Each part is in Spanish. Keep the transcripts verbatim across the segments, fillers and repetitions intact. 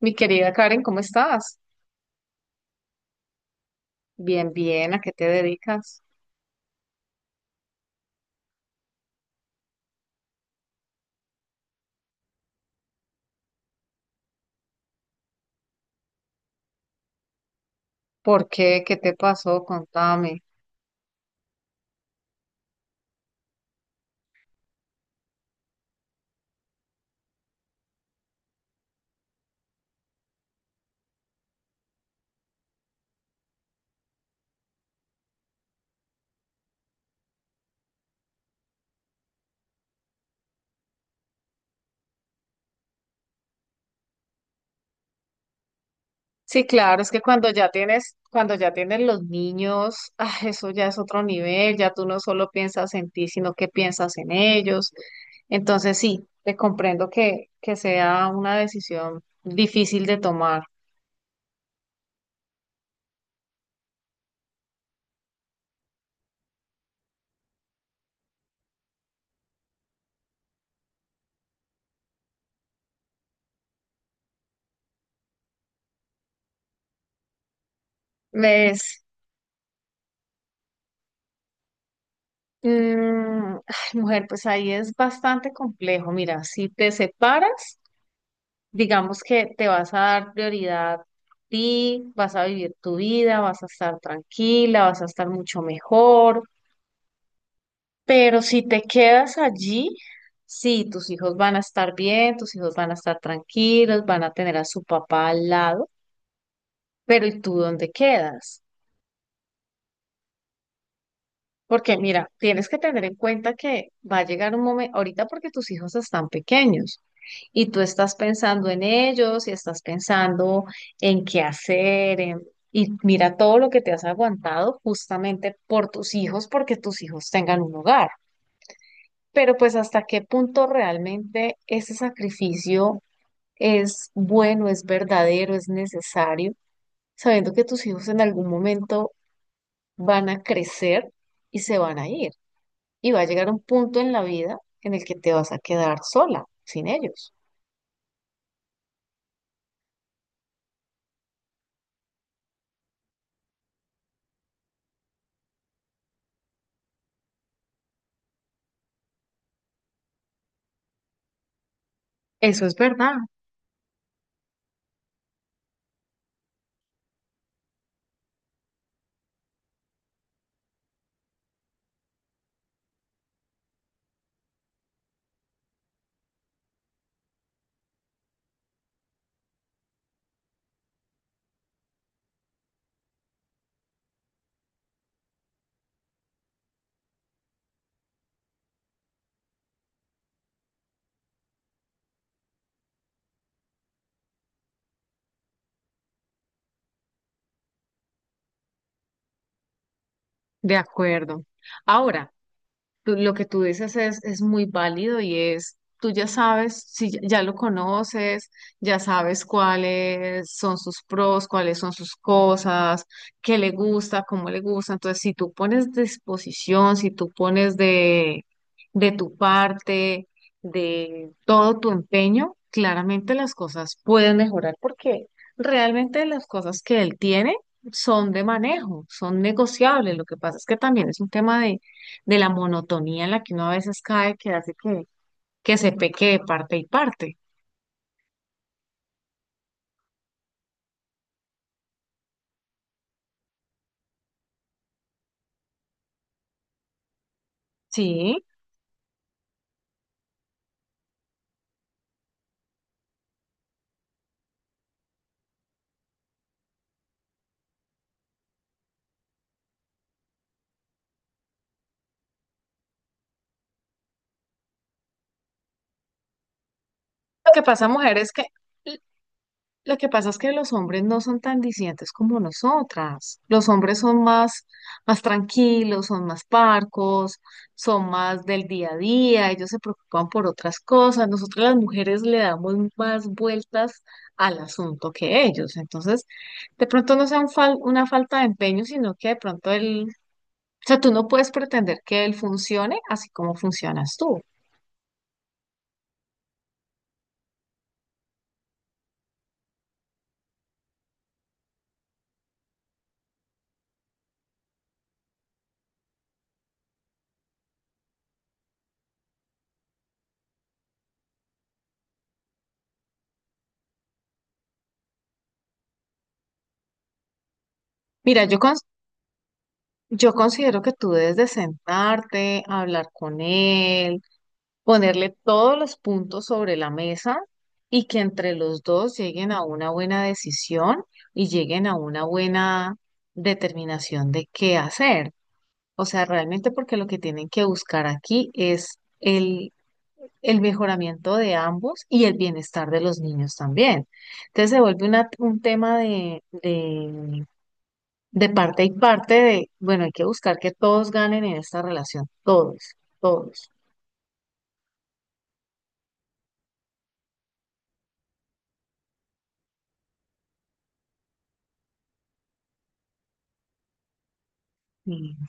Mi querida Karen, ¿cómo estás? Bien, bien, ¿a qué te dedicas? ¿Por qué? ¿Qué te pasó? Contame. Sí, claro, es que cuando ya tienes, cuando ya tienes los niños, ah, eso ya es otro nivel, ya tú no solo piensas en ti, sino que piensas en ellos. Entonces sí, te comprendo que, que sea una decisión difícil de tomar. Ves, mm, ay, mujer, pues ahí es bastante complejo. Mira, si te separas. Digamos que te vas a dar prioridad a ti, vas a vivir tu vida, vas a estar tranquila, vas a estar mucho mejor, pero si te quedas allí, sí, tus hijos van a estar bien, tus hijos van a estar tranquilos, van a tener a su papá al lado, pero ¿y tú dónde quedas? Porque mira, tienes que tener en cuenta que va a llegar un momento, ahorita porque tus hijos están pequeños, y tú estás pensando en ellos y estás pensando en qué hacer, en- y mira todo lo que te has aguantado justamente por tus hijos, porque tus hijos tengan un hogar. Pero pues hasta qué punto realmente ese sacrificio es bueno, es verdadero, es necesario, sabiendo que tus hijos en algún momento van a crecer y se van a ir. Y va a llegar un punto en la vida en el que te vas a quedar sola, sin ellos. Eso es verdad. De acuerdo. Ahora, tú- lo que tú dices es, es muy válido y es, tú ya sabes, si ya ya lo conoces, ya sabes cuáles son sus pros, cuáles son sus cosas, qué le gusta, cómo le gusta. Entonces, si tú pones disposición, si tú pones de, de tu parte, de todo tu empeño, claramente las cosas pueden mejorar porque realmente las cosas que él tiene son de manejo, son negociables. Lo que pasa es que también es un tema de de la monotonía en la que uno a veces cae, que hace que, que se peque de parte y parte. Sí, lo que pasa, mujer, es que lo que pasa es que los hombres no son tan disidentes como nosotras. Los hombres son más, más tranquilos, son más parcos, son más del día a día, ellos se preocupan por otras cosas. Nosotras las mujeres le damos más vueltas al asunto que ellos. Entonces, de pronto no sea un fal- una falta de empeño, sino que de pronto el, o sea, tú no puedes pretender que él funcione así como funcionas tú. Mira, yo, cons- yo considero que tú debes de sentarte, hablar con él, ponerle todos los puntos sobre la mesa y que entre los dos lleguen a una buena decisión y lleguen a una buena determinación de qué hacer. O sea, realmente porque lo que tienen que buscar aquí es el mejoramiento de ambos y el bienestar de los niños también. Entonces se vuelve una- un tema de, de, de parte y parte de, bueno, hay que buscar que todos ganen en esta relación, todos, todos. Y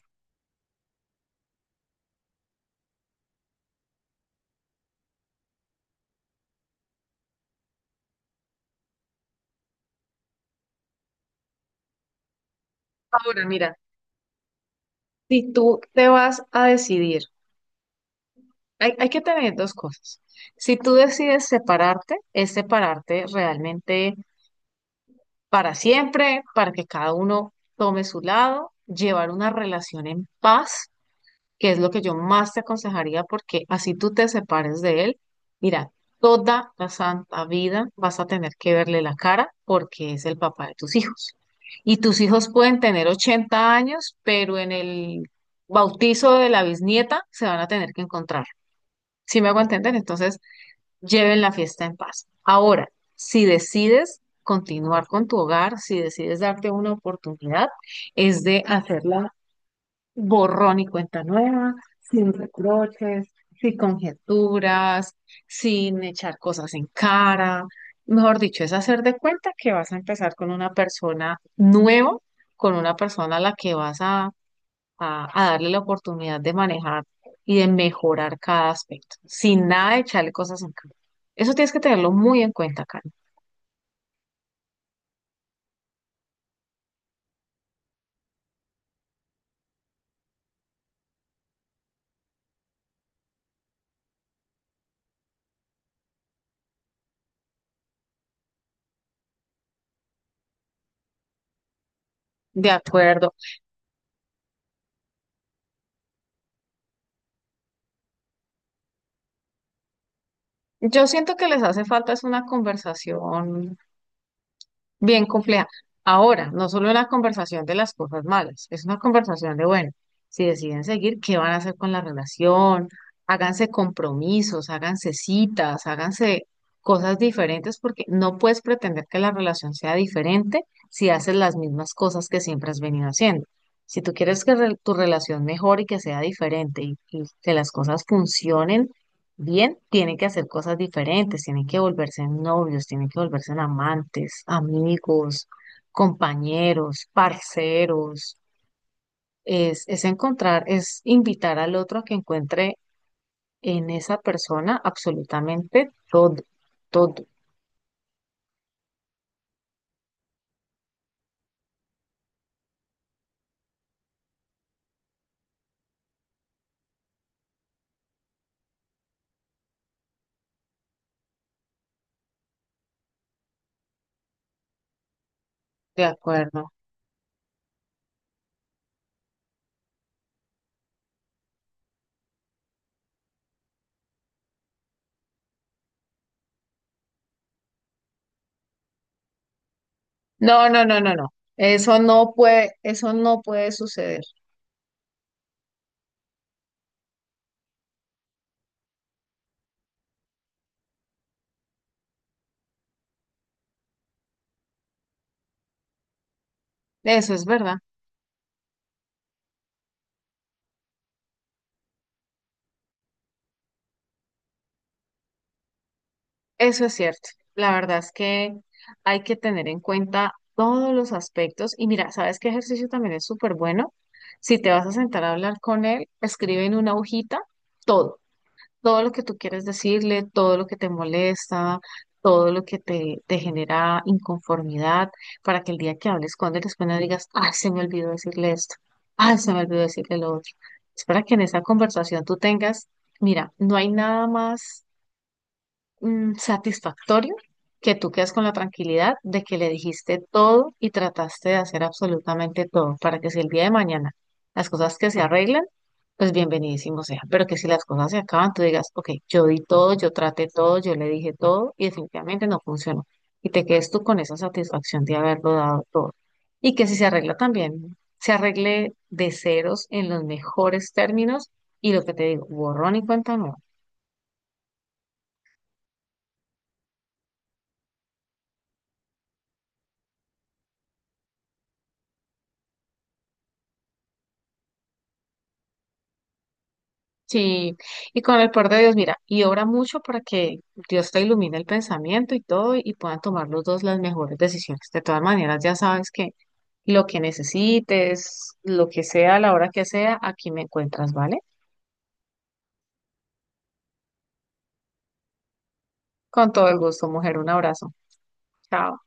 Ahora, mira, si tú te vas a decidir, hay, hay que tener dos cosas. Si tú decides separarte, es separarte realmente para siempre, para que cada uno tome su lado, llevar una relación en paz que es lo que yo más te aconsejaría, porque así tú te separes de él, mira, toda la santa vida vas a tener que verle la cara porque es el papá de tus hijos. Y tus hijos pueden tener ochenta años, pero en el bautizo de la bisnieta se van a tener que encontrar. ¿Si me hago entender? Entonces, lleven la fiesta en paz. Ahora, si decides continuar con tu hogar, si decides darte una oportunidad, es de hacerla borrón y cuenta nueva, sin reproches, sin conjeturas, sin echar cosas en cara. Mejor dicho, es hacer de cuenta que vas a empezar con una persona nueva, con una persona a la que vas a, a- a darle la oportunidad de manejar y de mejorar cada aspecto, sin nada de echarle cosas en cara. Eso tienes que tenerlo muy en cuenta, Karen. De acuerdo. Yo siento que les hace falta es una conversación bien compleja. Ahora, no solo la conversación de las cosas malas, es una conversación de, bueno, si deciden seguir, ¿qué van a hacer con la relación? Háganse compromisos, háganse citas, háganse cosas diferentes, porque no puedes pretender que la relación sea diferente si haces las mismas cosas que siempre has venido haciendo. Si tú quieres que re- tu relación mejore y que sea diferente y y que las cosas funcionen, bien, tienen que hacer cosas diferentes, tienen que volverse novios, tienen que volverse amantes, amigos, compañeros, parceros. Es, es encontrar, es invitar al otro a que encuentre en esa persona absolutamente todo, todo, de acuerdo. No, no, no, no, no. Eso no puede, eso no puede suceder. Eso es verdad. Eso es cierto. La verdad es que hay que tener en cuenta todos los aspectos. Y mira, ¿sabes qué ejercicio también es súper bueno? Si te vas a sentar a hablar con él, escribe en una hojita todo, todo lo que tú quieres decirle, todo lo que te molesta, todo lo que te, te genera inconformidad, para que el día que hables con él después no digas, ay, se me olvidó decirle esto, ay, se me olvidó decirle lo otro. Es para que en esa conversación tú tengas, mira, no hay nada más mm, satisfactorio que tú quedas con la tranquilidad de que le dijiste todo y trataste de hacer absolutamente todo para que si el día de mañana las cosas que se arreglan, pues bienvenidísimo sea. Pero que si las cosas se acaban, tú digas, ok, yo di todo, yo traté todo, yo le dije todo y definitivamente no funcionó. Y te quedes tú con esa satisfacción de haberlo dado todo. Y que si se arregla también, se arregle de ceros en los mejores términos y lo que te digo, borrón y cuenta nueva. Sí, y con el poder de Dios, mira, y obra mucho para que Dios te ilumine el pensamiento y todo, y puedan tomar los dos las mejores decisiones. De todas maneras, ya sabes que lo que necesites, lo que sea, a la hora que sea, aquí me encuentras, ¿vale? Con todo el gusto, mujer, un abrazo. Chao.